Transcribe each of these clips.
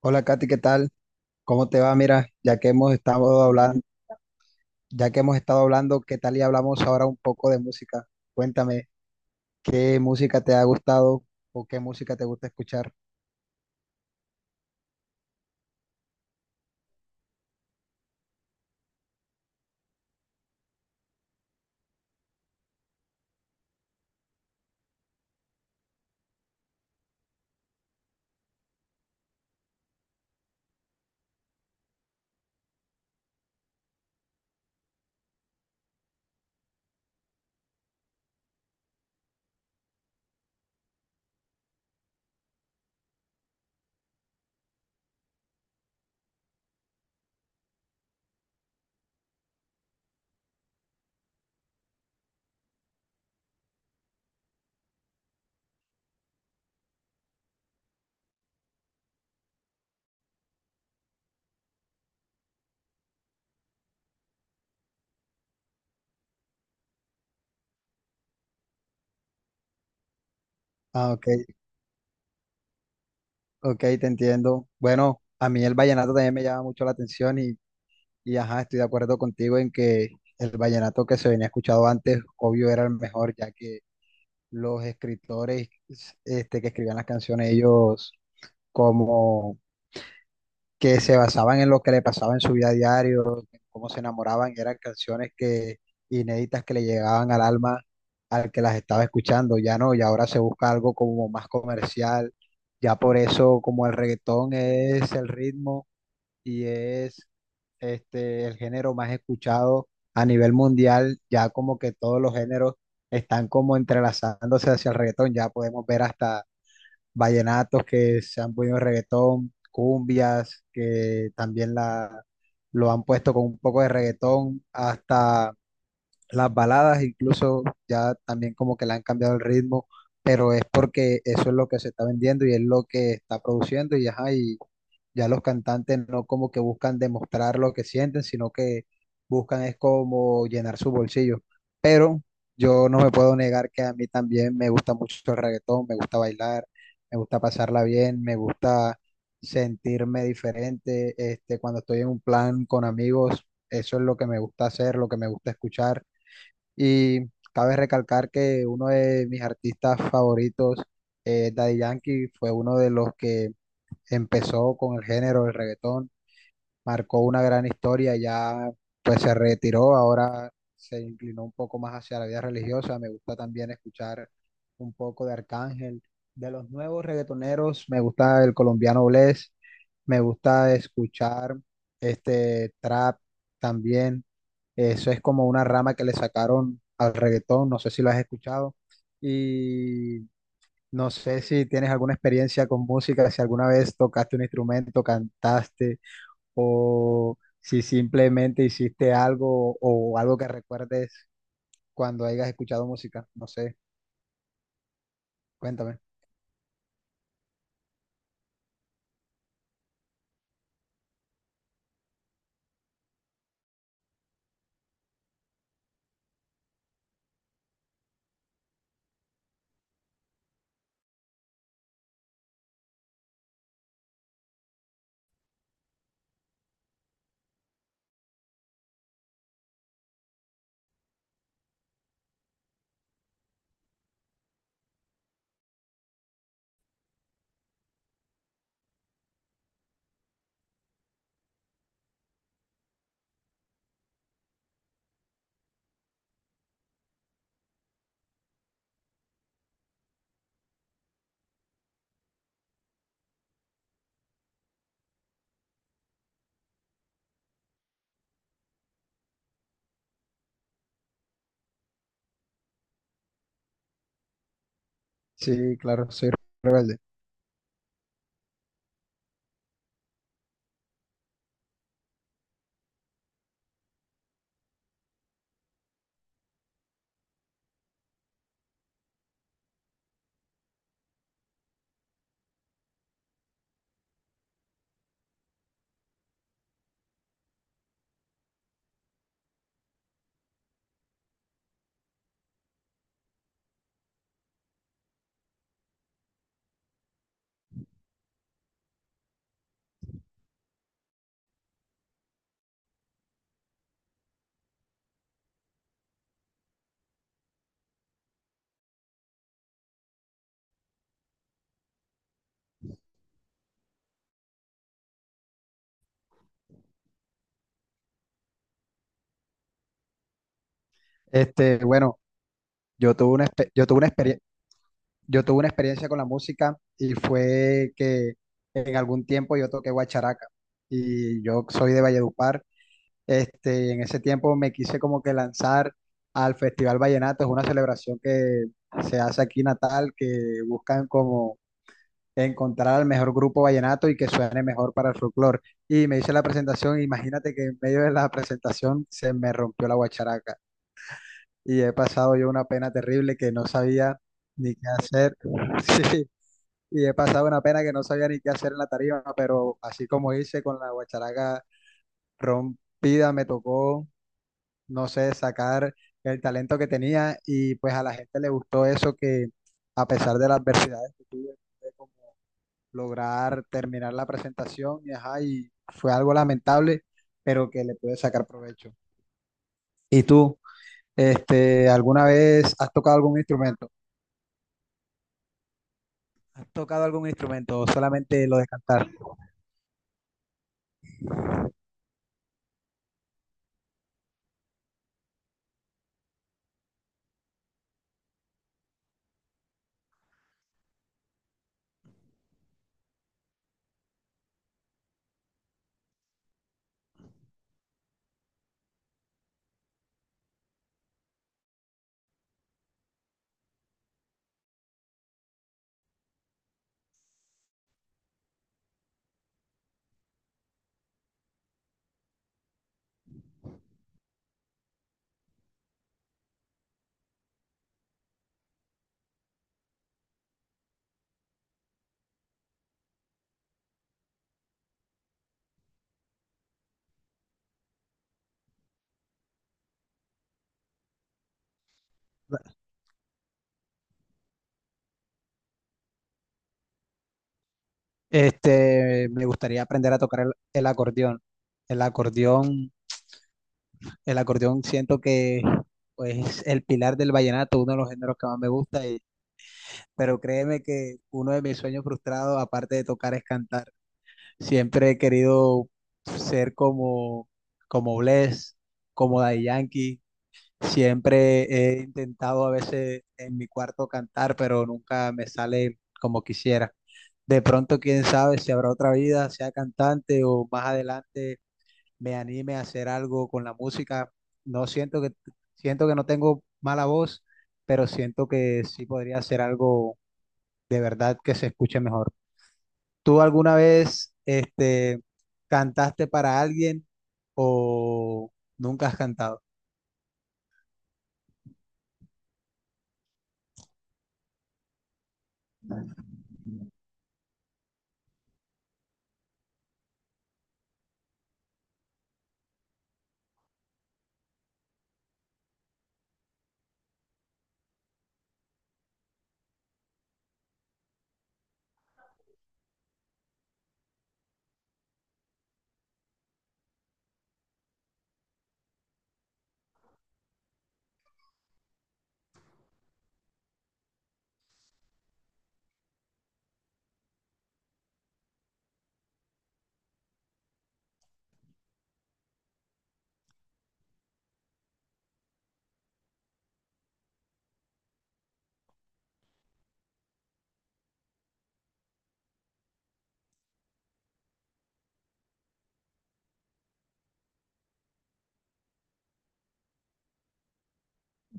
Hola Katy, ¿qué tal? ¿Cómo te va? Mira, ya que hemos estado hablando, ya que hemos estado hablando, ¿qué tal y hablamos ahora un poco de música? Cuéntame, ¿qué música te ha gustado o qué música te gusta escuchar? Ah, ok, ok, te entiendo. Bueno, a mí el vallenato también me llama mucho la atención y ajá, estoy de acuerdo contigo en que el vallenato que se venía escuchado antes, obvio, era el mejor, ya que los escritores que escribían las canciones, ellos como que se basaban en lo que le pasaba en su vida diario, en cómo se enamoraban, y eran canciones que inéditas que le llegaban al alma al que las estaba escuchando, ya no, y ahora se busca algo como más comercial, ya por eso como el reggaetón es el ritmo y es el género más escuchado a nivel mundial, ya como que todos los géneros están como entrelazándose hacia el reggaetón, ya podemos ver hasta vallenatos que se han podido en reggaetón, cumbias que también lo han puesto con un poco de reggaetón, hasta las baladas incluso ya también como que le han cambiado el ritmo, pero es porque eso es lo que se está vendiendo y es lo que está produciendo y ajá, y ya los cantantes no como que buscan demostrar lo que sienten, sino que buscan es como llenar su bolsillo. Pero yo no me puedo negar que a mí también me gusta mucho el reggaetón, me gusta bailar, me gusta pasarla bien, me gusta sentirme diferente, cuando estoy en un plan con amigos, eso es lo que me gusta hacer, lo que me gusta escuchar y cabe recalcar que uno de mis artistas favoritos, Daddy Yankee, fue uno de los que empezó con el género del reggaetón, marcó una gran historia, ya pues se retiró, ahora se inclinó un poco más hacia la vida religiosa. Me gusta también escuchar un poco de Arcángel. De los nuevos reggaetoneros, me gusta el colombiano Bless, me gusta escuchar trap también. Eso es como una rama que le sacaron al reggaetón, no sé si lo has escuchado. Y no sé si tienes alguna experiencia con música, si alguna vez tocaste un instrumento, cantaste, o si simplemente hiciste algo o algo que recuerdes cuando hayas escuchado música. No sé, cuéntame. Sí, claro, soy rebelde. Bueno, yo tuve una experiencia. Yo tuve una experiencia con la música y fue que en algún tiempo yo toqué guacharaca y yo soy de Valledupar. Este, en ese tiempo me quise como que lanzar al Festival Vallenato, es una celebración que se hace aquí en Natal, que buscan como encontrar al mejor grupo vallenato y que suene mejor para el folclore. Y me hice la presentación, imagínate que en medio de la presentación se me rompió la guacharaca y he pasado yo una pena terrible que no sabía ni qué hacer. Sí y he pasado una pena que no sabía ni qué hacer en la tarima, pero así como hice con la guacharaca rompida, me tocó, no sé, sacar el talento que tenía y pues a la gente le gustó eso que a pesar de las adversidades que tuve, pude como lograr terminar la presentación y, ajá, y fue algo lamentable, pero que le pude sacar provecho. ¿Y tú, alguna vez has tocado algún instrumento? ¿Has tocado algún instrumento o solamente lo de cantar? Me gustaría aprender a tocar el acordeón. El acordeón, el acordeón siento que pues, es el pilar del vallenato, uno de los géneros que más me gusta. Pero créeme que uno de mis sueños frustrados, aparte de tocar, es cantar. Siempre he querido ser como, como Bless, como Daddy Yankee. Siempre he intentado a veces en mi cuarto cantar, pero nunca me sale como quisiera. De pronto, quién sabe si habrá otra vida, sea cantante o más adelante me anime a hacer algo con la música. No siento que siento que no tengo mala voz, pero siento que sí podría hacer algo de verdad que se escuche mejor. ¿Tú alguna vez cantaste para alguien o nunca has cantado?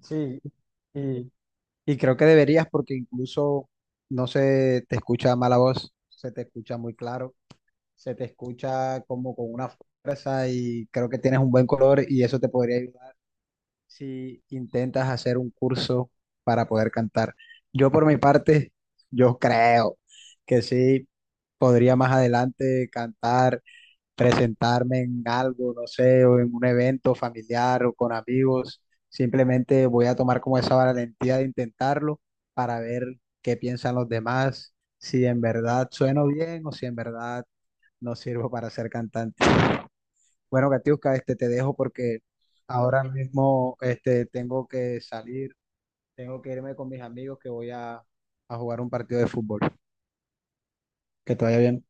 Sí, y y creo que deberías porque incluso no se te escucha mala voz, se te escucha muy claro, se te escucha como con una fuerza y creo que tienes un buen color y eso te podría ayudar si intentas hacer un curso para poder cantar. Yo por mi parte, yo creo que sí podría más adelante cantar presentarme en algo, no sé, o en un evento familiar o con amigos. Simplemente voy a tomar como esa valentía de intentarlo para ver qué piensan los demás, si en verdad sueno bien o si en verdad no sirvo para ser cantante. Bueno, Katiuska, te dejo porque ahora mismo tengo que salir, tengo que irme con mis amigos que a jugar un partido de fútbol. Que te vaya bien.